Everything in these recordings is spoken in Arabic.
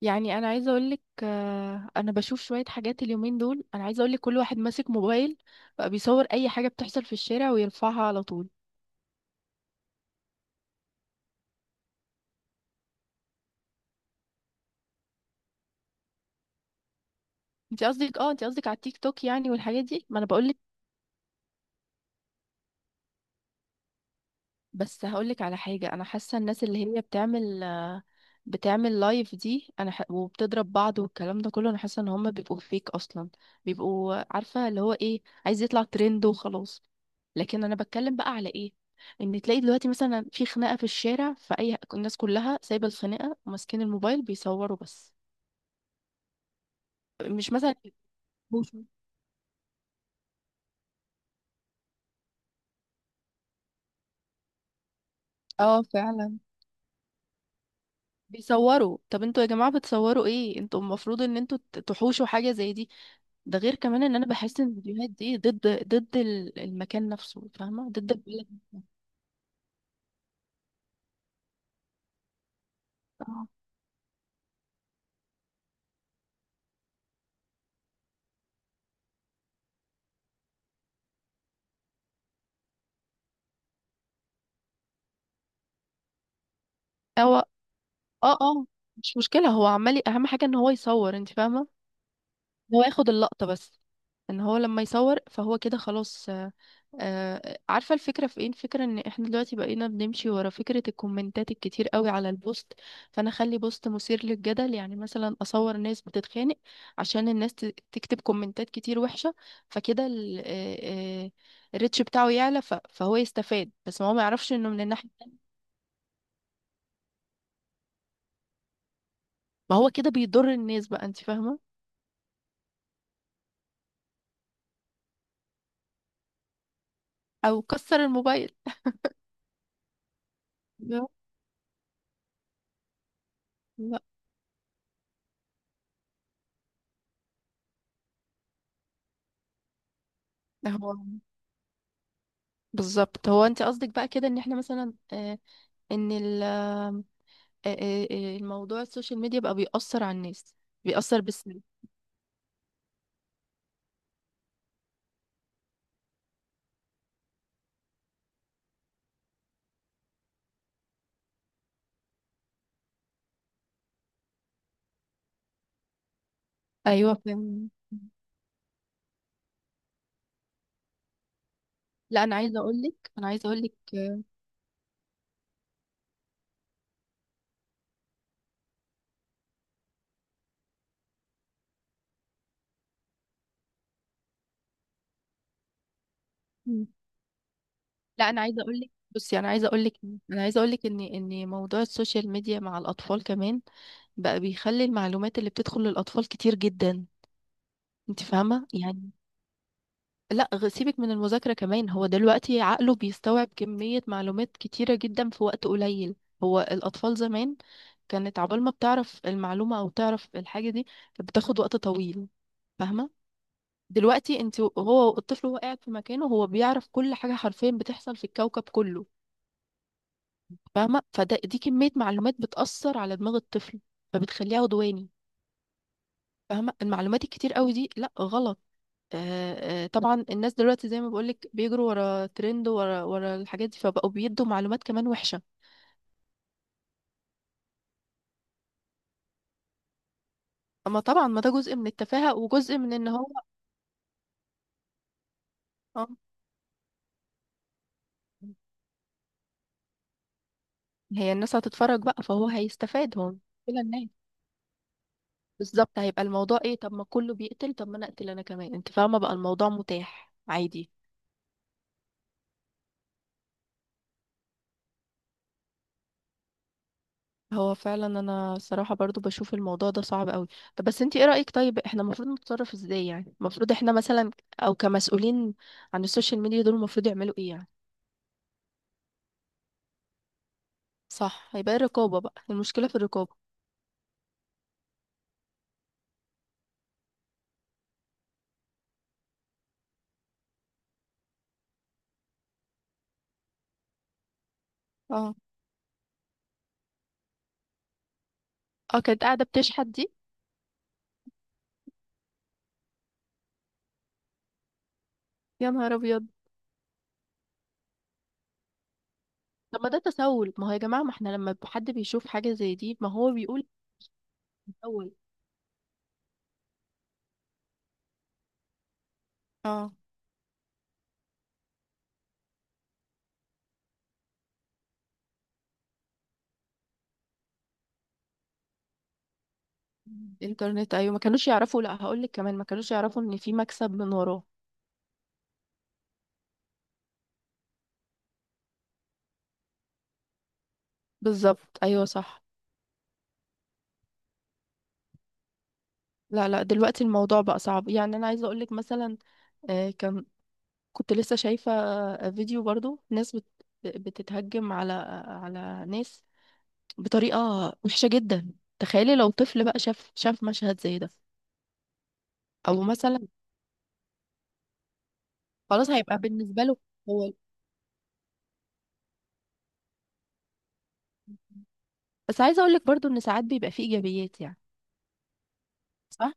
يعني انا عايزه اقول لك، انا بشوف شويه حاجات اليومين دول، انا عايزه اقول لك كل واحد ماسك موبايل بقى بيصور اي حاجه بتحصل في الشارع ويرفعها على طول. انت قصدك على التيك توك، يعني، والحاجات دي، ما انا بقول. بس هقولك على حاجة، أنا حاسة الناس اللي هي بتعمل بتعمل لايف دي، وبتضرب بعض والكلام ده كله. أنا حاسة إن هما بيبقوا فيك أصلا، بيبقوا عارفة اللي هو إيه، عايز يطلع ترند وخلاص. لكن أنا بتكلم بقى على إيه؟ إن تلاقي دلوقتي مثلا في خناقة في الشارع، فأي الناس كلها سايبة الخناقة وماسكين الموبايل بيصوروا بس. مش مثلا بوشو. اه فعلا، بيصوروا. طب انتوا يا جماعة بتصوروا ايه؟ انتوا المفروض ان انتوا تحوشوا حاجة زي دي. ده غير كمان ان انا بحس ان الفيديوهات دي ضد، المكان نفسه، فاهمه؟ ضد البلد نفسها. اه هو اه اه مش مشكله، هو عمال اهم حاجه ان هو يصور، انت فاهمه؟ إن هو ياخد اللقطه بس، ان هو لما يصور فهو كده خلاص. عارفة الفكرة في ايه؟ الفكرة ان احنا دلوقتي بقينا بنمشي ورا فكرة الكومنتات الكتير قوي على البوست، فانا اخلي بوست مثير للجدل، يعني مثلا اصور ناس بتتخانق عشان الناس تكتب كومنتات كتير وحشة. فكده الريتش بتاعه يعلى، فهو يستفاد، بس ما هو ما يعرفش انه من الناحية التانية ما هو كده بيضر الناس بقى، انت فاهمة؟ او كسر الموبايل. لا لا، هو بالظبط. هو انت قصدك بقى كده ان احنا مثلا ان الموضوع السوشيال ميديا بقى بيأثر على الناس، بيأثر بالسلب. ايوه فاهم. لا انا عايزه اقول لك، مم. لا انا عايزه اقول لك، بصي انا عايزه اقول لك، ان موضوع السوشيال ميديا مع الاطفال كمان بقى بيخلي المعلومات اللي بتدخل للاطفال كتير جدا، انت فاهمه يعني؟ لا سيبك من المذاكرة كمان، هو دلوقتي عقله بيستوعب كمية معلومات كتيرة جدا في وقت قليل. هو الأطفال زمان، كانت عقبال ما بتعرف المعلومة أو تعرف الحاجة دي، كانت بتاخد وقت طويل، فاهمة؟ دلوقتي انت هو الطفل وهو قاعد في مكانه هو بيعرف كل حاجة حرفيا بتحصل في الكوكب كله، فاهمة؟ فده دي كمية معلومات بتأثر على دماغ الطفل فبتخليه عدواني، فاهمة؟ المعلومات الكتير قوي دي، لا غلط. طبعا الناس دلوقتي زي ما بقولك بيجروا ورا ترند، ورا الحاجات دي، فبقوا بيدوا معلومات كمان وحشة. اما طبعا، ما ده جزء من التفاهة وجزء من ان هو. اه، هي الناس هتتفرج بقى فهو هيستفاد هو. كل الناس، بالظبط. هيبقى الموضوع ايه؟ طب ما كله بيقتل، طب ما انا اقتل انا كمان، انت فاهمة؟ بقى الموضوع متاح عادي. هو فعلا، انا صراحة برضو بشوف الموضوع ده صعب قوي. طب بس انت ايه رأيك؟ طيب احنا المفروض نتصرف ازاي يعني؟ المفروض احنا مثلا، او كمسؤولين عن السوشيال ميديا دول، المفروض يعملوا ايه يعني؟ صح، هيبقى إيه الرقابة بقى؟ المشكلة في الرقابة. اه اه، كانت قاعدة بتشحت دي؟ يا نهار ابيض. طب ما ده تسول، ما هو يا جماعة ما احنا لما حد بيشوف حاجة زي دي ما هو بيقول تسول. اه الانترنت، ايوه، ما كانوش يعرفوا. لا هقول لك كمان، ما كانوش يعرفوا ان في مكسب من وراه. بالظبط، ايوه صح. لا لا دلوقتي الموضوع بقى صعب. يعني انا عايزة اقول لك مثلا، كان، كنت لسه شايفة فيديو برضو ناس بتتهجم على ناس بطريقة وحشة جدا. تخيلي لو طفل بقى شاف مشهد زي ده، او مثلا خلاص هيبقى بالنسبة له هو. بس عايزة اقول لك برضو ان ساعات بيبقى فيه ايجابيات يعني. صح.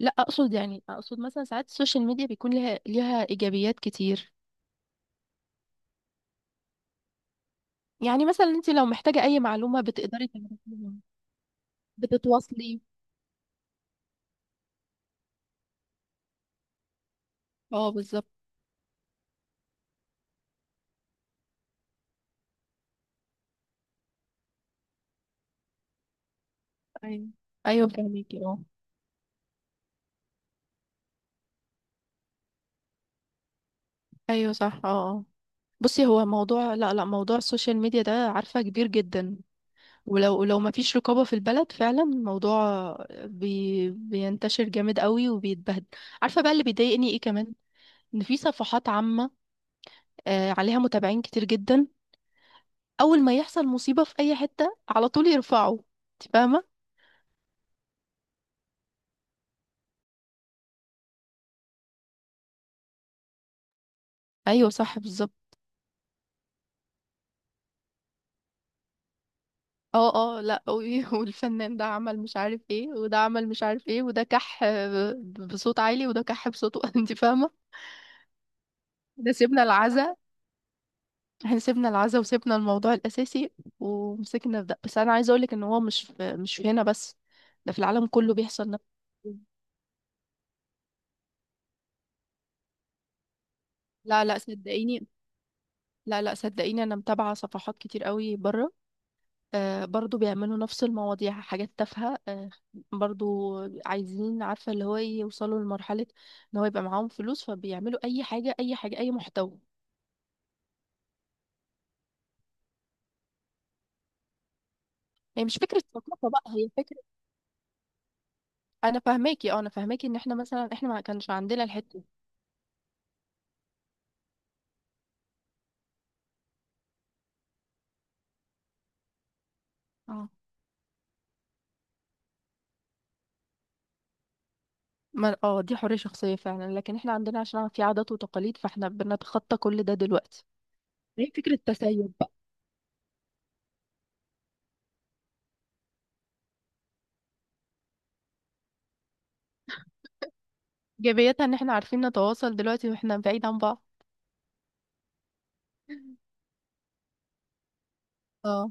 لا اقصد، يعني اقصد مثلا ساعات السوشيال ميديا بيكون لها ليها ايجابيات كتير. يعني مثلا انت لو محتاجة اي معلومة بتقدري تعرفيها، بتتواصلي. اه بالظبط. ايوه، ايوه فهميكي، اه، ايوه صح، اه، آه. بصي، هو موضوع، لا لا، موضوع السوشيال ميديا ده، عارفة، كبير جدا. ولو ما فيش رقابة في البلد فعلا الموضوع بينتشر جامد قوي وبيتبهدل. عارفة بقى اللي بيضايقني ايه كمان؟ ان في صفحات عامة عليها متابعين كتير جدا، اول ما يحصل مصيبة في اي حتة على طول يرفعوا، انت فاهمة؟ ايوه صح بالظبط، اه اه، لا والفنان ده عمل مش عارف ايه، وده عمل مش عارف ايه، وده كح بصوت عالي، وده كح بصوته انت فاهة. ده سيبنا العزا، احنا سيبنا العزا وسيبنا الموضوع الأساسي ومسكنا في ده بس. أنا عايزة أقولك إن هو مش في هنا بس، ده في العالم كله بيحصل نفس. لا لا صدقيني، لا لا صدقيني، أنا متابعة صفحات كتير قوي بره، آه برضو بيعملوا نفس المواضيع، حاجات تافهة، آه برضو. عايزين، عارفة اللي هو، إيه، يوصلوا لمرحلة إن هو يبقى معاهم فلوس فبيعملوا أي حاجة، أي حاجة، أي محتوى. هي مش فكرة ثقافة بقى، هي فكرة. أنا فاهماكي، أه أنا فاهماكي، إن إحنا مثلا إحنا ما كانش عندنا الحتة دي. اه، ما اه دي حرية شخصية فعلا، لكن احنا عندنا عشان في عادات وتقاليد فاحنا بنتخطى كل ده دلوقتي. هي فكرة تسيب بقى. ايجابيتها ان احنا عارفين نتواصل دلوقتي واحنا بعيد عن بعض. اه،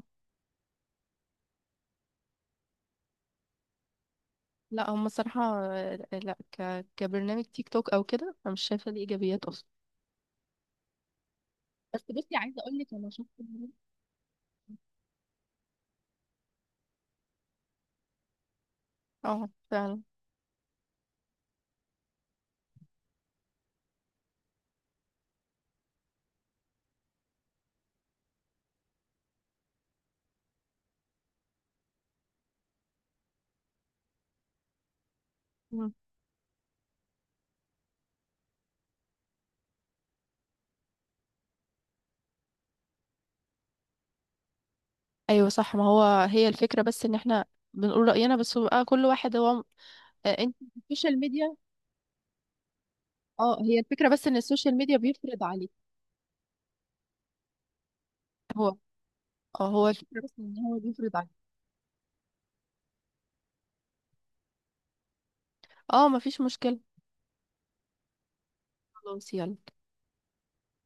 لا هم الصراحة لا كبرنامج تيك توك او كده انا مش شايفة ليه ايجابيات اصلا. بس بصي عايزة اقول لك انا شفت إن، اه فعلا. مم. ايوه صح، ما هو، هي الفكرة بس ان احنا بنقول رأينا بس بقى، كل واحد هو انت السوشيال ميديا، اه هي الفكرة بس ان السوشيال ميديا بيفرض عليك. هو، اه، هو الفكرة بس ان هو بيفرض عليك. اه مفيش مشكلة. خلاص يلا.